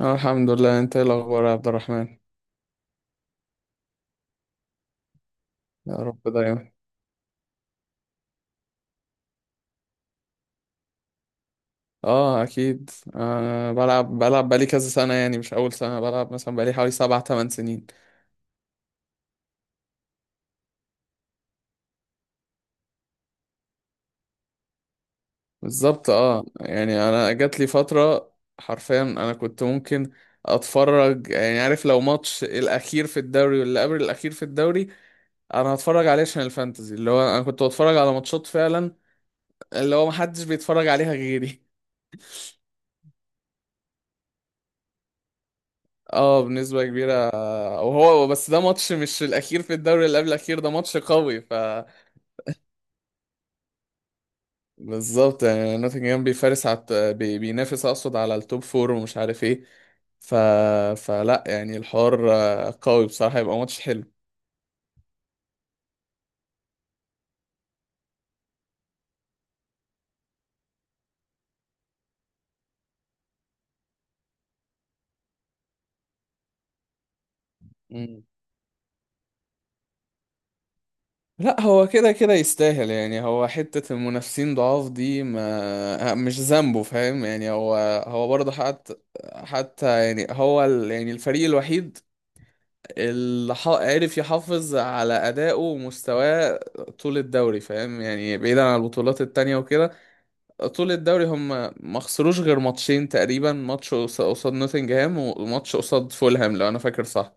اه الحمد لله. انت ايه الاخبار يا عبد الرحمن؟ يا رب دايما. اه اكيد. بلعب بقالي كذا سنه، يعني مش اول سنه بلعب، مثلا بقالي حوالي 7 8 سنين. بالظبط اه. يعني انا جات لي فتره حرفيا انا كنت ممكن اتفرج، يعني عارف، لو ماتش الاخير في الدوري واللي قبل الاخير في الدوري انا هتفرج عليه عشان الفانتزي، اللي هو انا كنت بتفرج على ماتشات فعلا اللي هو محدش بيتفرج عليها غيري. اه بنسبة كبيرة. وهو بس ده ماتش، مش الأخير في الدوري اللي قبل الأخير، ده ماتش قوي، ف بالظبط. يعني نوتنجهام بيفارس على بينافس أقصد على التوب فور ومش عارف ايه. ف... فلا يعني الحوار قوي بصراحة، يبقى ماتش حلو. مم. لا هو كده كده يستاهل. يعني هو حتة المنافسين ضعاف دي ما مش ذنبه، فاهم يعني؟ هو برضه حتى يعني يعني الفريق الوحيد اللي عرف يحافظ على أدائه ومستواه طول الدوري، فاهم يعني، بعيدا عن البطولات التانية وكده. طول الدوري هم ما خسروش غير ماتشين تقريبا، ماتش قصاد نوتنجهام وماتش قصاد فولهام، لو أنا فاكر صح.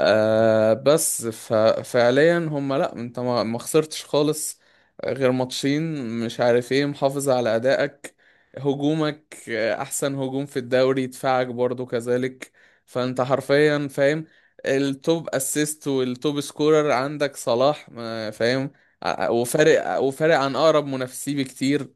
آه بس ف- فعليا هم، لا انت ما خسرتش خالص غير ماتشين، مش عارف ايه، محافظ على ادائك، هجومك احسن هجوم في الدوري، دفاعك برضو كذلك، فانت حرفيا، فاهم، التوب اسيست والتوب سكورر عندك صلاح، فاهم. وفارق عن اقرب منافسيه بكتير.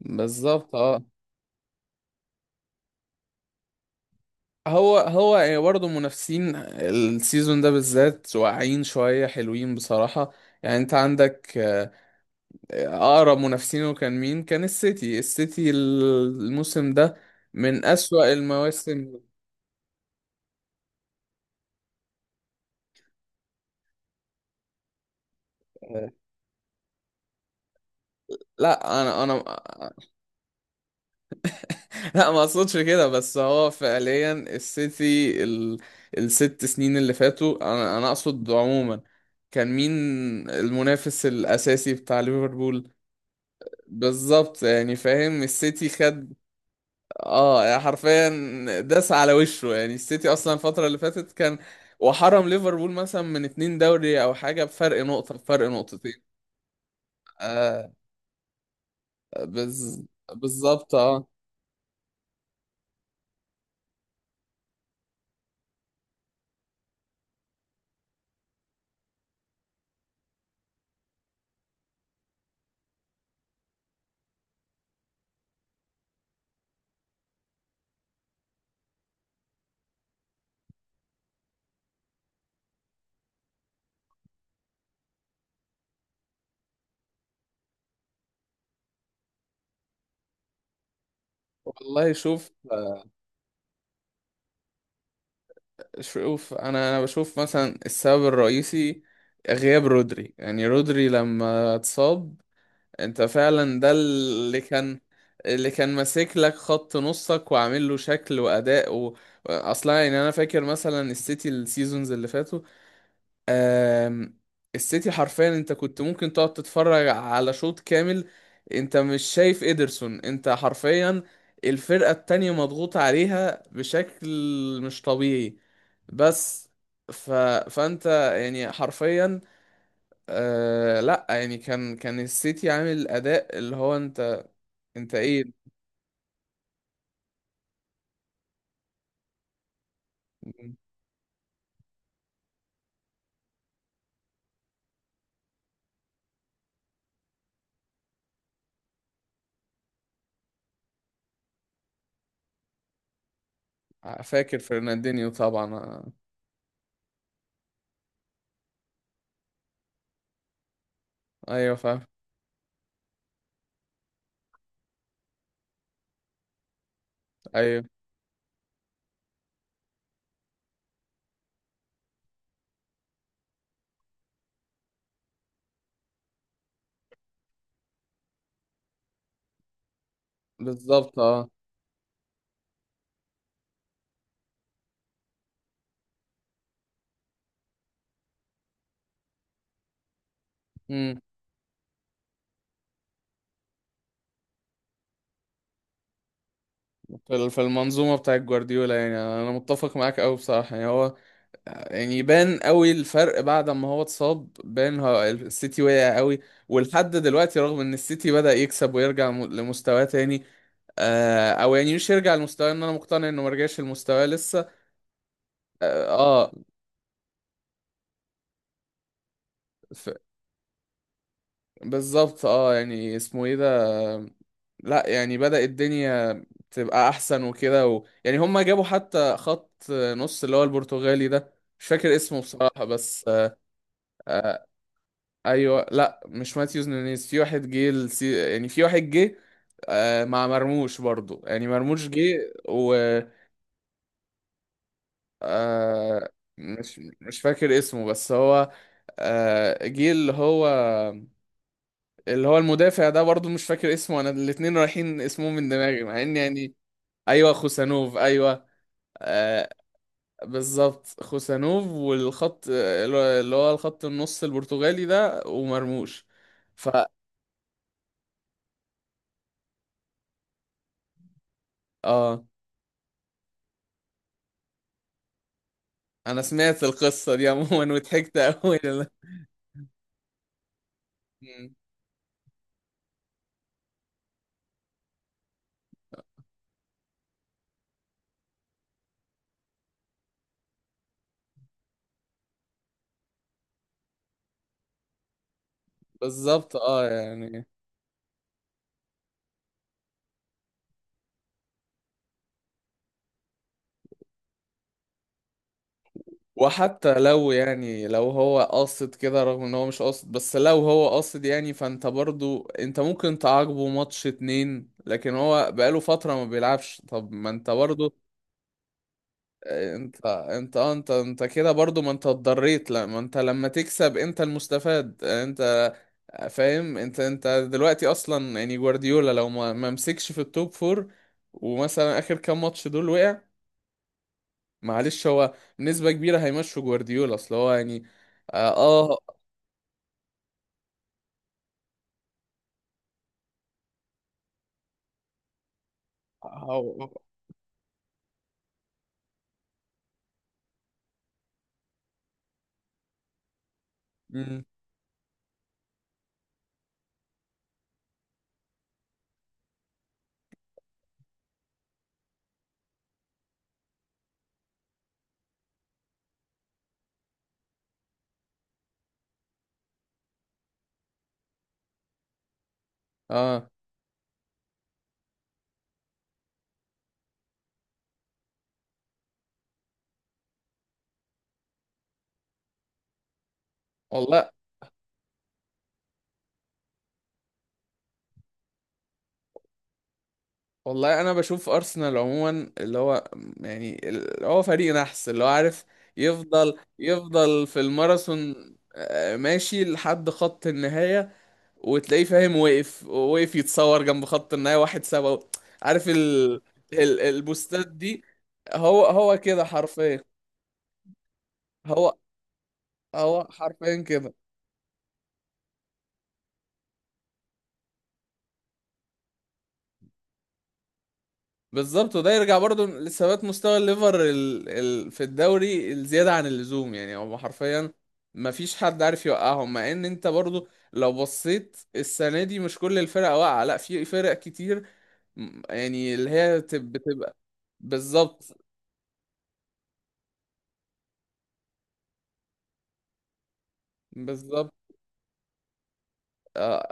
بالظبط اه. هو يعني برضه منافسين السيزون ده بالذات واقعين شوية، حلوين بصراحة. يعني انت عندك اقرب منافسينه كان مين؟ كان السيتي. السيتي الموسم ده من أسوأ المواسم. آه، لا انا لا ما اقصدش كده، بس هو فعليا السيتي الست سنين اللي فاتوا، انا اقصد عموما، كان مين المنافس الاساسي بتاع ليفربول؟ بالظبط. يعني فاهم، السيتي خد اه، يعني حرفيا داس على وشه. يعني السيتي اصلا الفترة اللي فاتت كان، وحرم ليفربول مثلا من 2 دوري او حاجة، بفرق نقطة، بفرق نقطتين. آه بز... بالظبط اه. والله شوف آه. شوف، انا بشوف مثلا السبب الرئيسي غياب رودري. يعني رودري لما اتصاب، انت فعلا ده اللي كان، اللي كان ماسك لك خط نصك وعامل له شكل واداء اصلا يعني انا فاكر مثلا السيتي السيزونز اللي فاتوا، آم، السيتي حرفيا انت كنت ممكن تقعد تتفرج على شوط كامل انت مش شايف ادرسون. انت حرفيا الفرقة التانية مضغوط عليها بشكل مش طبيعي. بس ف... فانت يعني حرفيا، لا يعني كان السيتي عامل اداء اللي هو انت، انت ايه. فاكر فرناندينيو طبعا ايوه فاهم. ايوه بالظبط اه. في المنظومة بتاعت جوارديولا. يعني أنا متفق معاك أوي بصراحة. يعني هو يعني يبان أوي الفرق بعد ما هو اتصاب، بان هو السيتي وقع أوي. ولحد دلوقتي رغم إن السيتي بدأ يكسب ويرجع لمستواه تاني، أو يعني مش يرجع لمستواه، إن أنا مقتنع إنه مرجعش لمستواه لسه. آه. آه، ف... بالظبط آه. يعني اسمه إيه ده، آه، لأ يعني بدأ الدنيا تبقى أحسن وكده يعني هما جابوا حتى خط نص اللي هو البرتغالي ده، مش فاكر اسمه بصراحة بس آه، ايوه لا مش ماتيوز نونيز، في واحد جه يعني في واحد جه مع مرموش برضو. يعني مرموش جه و آه، مش فاكر اسمه، بس هو جه اللي هو، اللي هو المدافع ده برضو مش فاكر اسمه انا، الاتنين رايحين اسمهم من دماغي مع ان يعني، ايوه خوسانوف ايوه. آه بالظبط، خوسانوف والخط اللي هو الخط النص البرتغالي ده ومرموش. ف اه. انا سمعت القصة دي عموما وضحكت قوي. مم. بالظبط اه. يعني وحتى لو، يعني لو هو قاصد كده، رغم ان هو مش قاصد، بس لو هو قاصد، يعني فانت برضو انت ممكن تعاقبه ماتش اتنين، لكن هو بقاله فترة ما بيلعبش، طب ما انت برضو انت انت اه انت انت كده برضو ما انت اتضريت. لا ما انت لما تكسب انت المستفاد انت، فاهم. انت دلوقتي اصلا، يعني جوارديولا لو ما مسكش في التوب فور ومثلا اخر كام ماتش دول وقع، معلش هو بنسبة كبيرة هيمشوا جوارديولا. اصل هو يعني، اه اه. هو- مم، اه والله، والله انا بشوف ارسنال عموما اللي هو، يعني اللي هو فريق نحس، اللي هو عارف يفضل في الماراثون، ماشي لحد خط النهاية، وتلاقيه فاهم وقف يتصور جنب خط النهاية 1-7. عارف البوستات دي. هو كده حرفيا. هو هو حرفيا كده. بالظبط. وده يرجع برضو لثبات مستوى الليفر في الدوري الزيادة عن اللزوم. يعني هو حرفيا ما فيش حد عارف يوقعهم، مع ان انت برضو لو بصيت السنة دي مش كل الفرق واقعة، لا في فرق كتير، يعني اللي هي بتبقى بالظبط. بالظبط آه،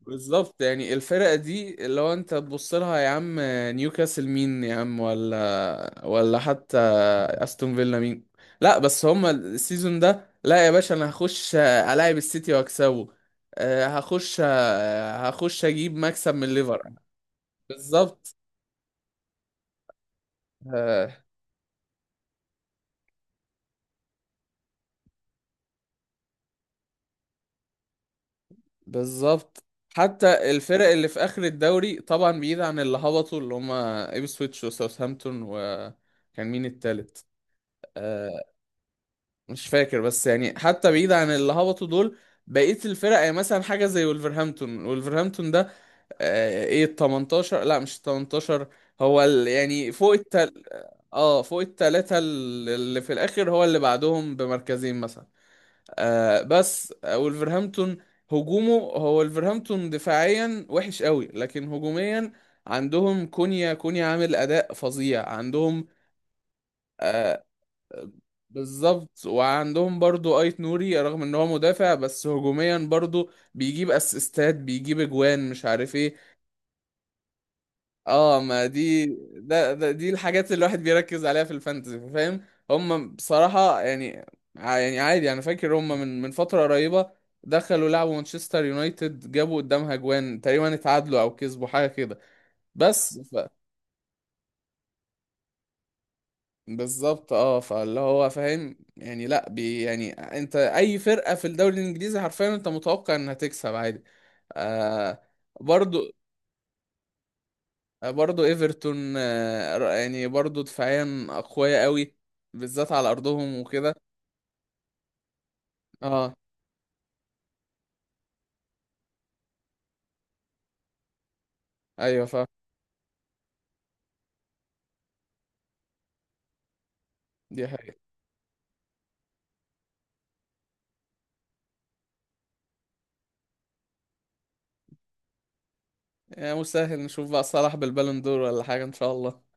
بالظبط. يعني الفرقة دي لو انت تبص لها يا عم، نيوكاسل مين يا عم، ولا حتى استون فيلا مين. لا بس هما السيزون ده، لا يا باشا انا هخش الاعب السيتي واكسبه. هخش، هخش اجيب مكسب من ليفر. بالظبط. آه، بالظبط. حتى الفرق اللي في اخر الدوري، طبعا بعيد عن اللي هبطوا اللي هما ايبسويتش وساوثهامبتون، وكان مين التالت؟ آه، مش فاكر، بس يعني حتى بعيد عن اللي هبطوا دول، بقية الفرق يعني مثلا حاجة زي ولفرهامبتون. ولفرهامبتون ده، آه ايه ال 18، لا مش 18، هو ال يعني فوق التل، اه فوق التلاتة اللي في الآخر، هو اللي بعدهم بمركزين مثلا. آه بس آه، ولفرهامبتون هجومه، هو ولفرهامبتون دفاعيا وحش قوي، لكن هجوميا عندهم كونيا. كونيا عامل أداء فظيع عندهم. آه، بالظبط. وعندهم برضو ايت نوري، رغم ان هو مدافع، بس هجوميا برضو بيجيب اسيستات بيجيب اجوان مش عارف ايه. اه ما دي، ده, ده دي الحاجات اللي الواحد بيركز عليها في الفانتزي، فاهم. هم بصراحة، يعني، يعني عادي انا فاكر هم من فترة قريبة دخلوا لعبوا مانشستر يونايتد، جابوا قدامها اجوان تقريبا، اتعادلوا او كسبوا حاجة كده بس. بالظبط اه. فاللي هو فاهم يعني، لا بي يعني، انت اي فرقه في الدوري الانجليزي حرفيا انت متوقع انها تكسب عادي. آه. برضو، برضو ايفرتون يعني برضو دفاعيا اقوياء قوي، بالذات على ارضهم وكده. اه ايوه فاهم. دي حقيقة. يعني مش سهل نشوف بقى صلاح بالبالون دور ولا حاجه ان شاء الله.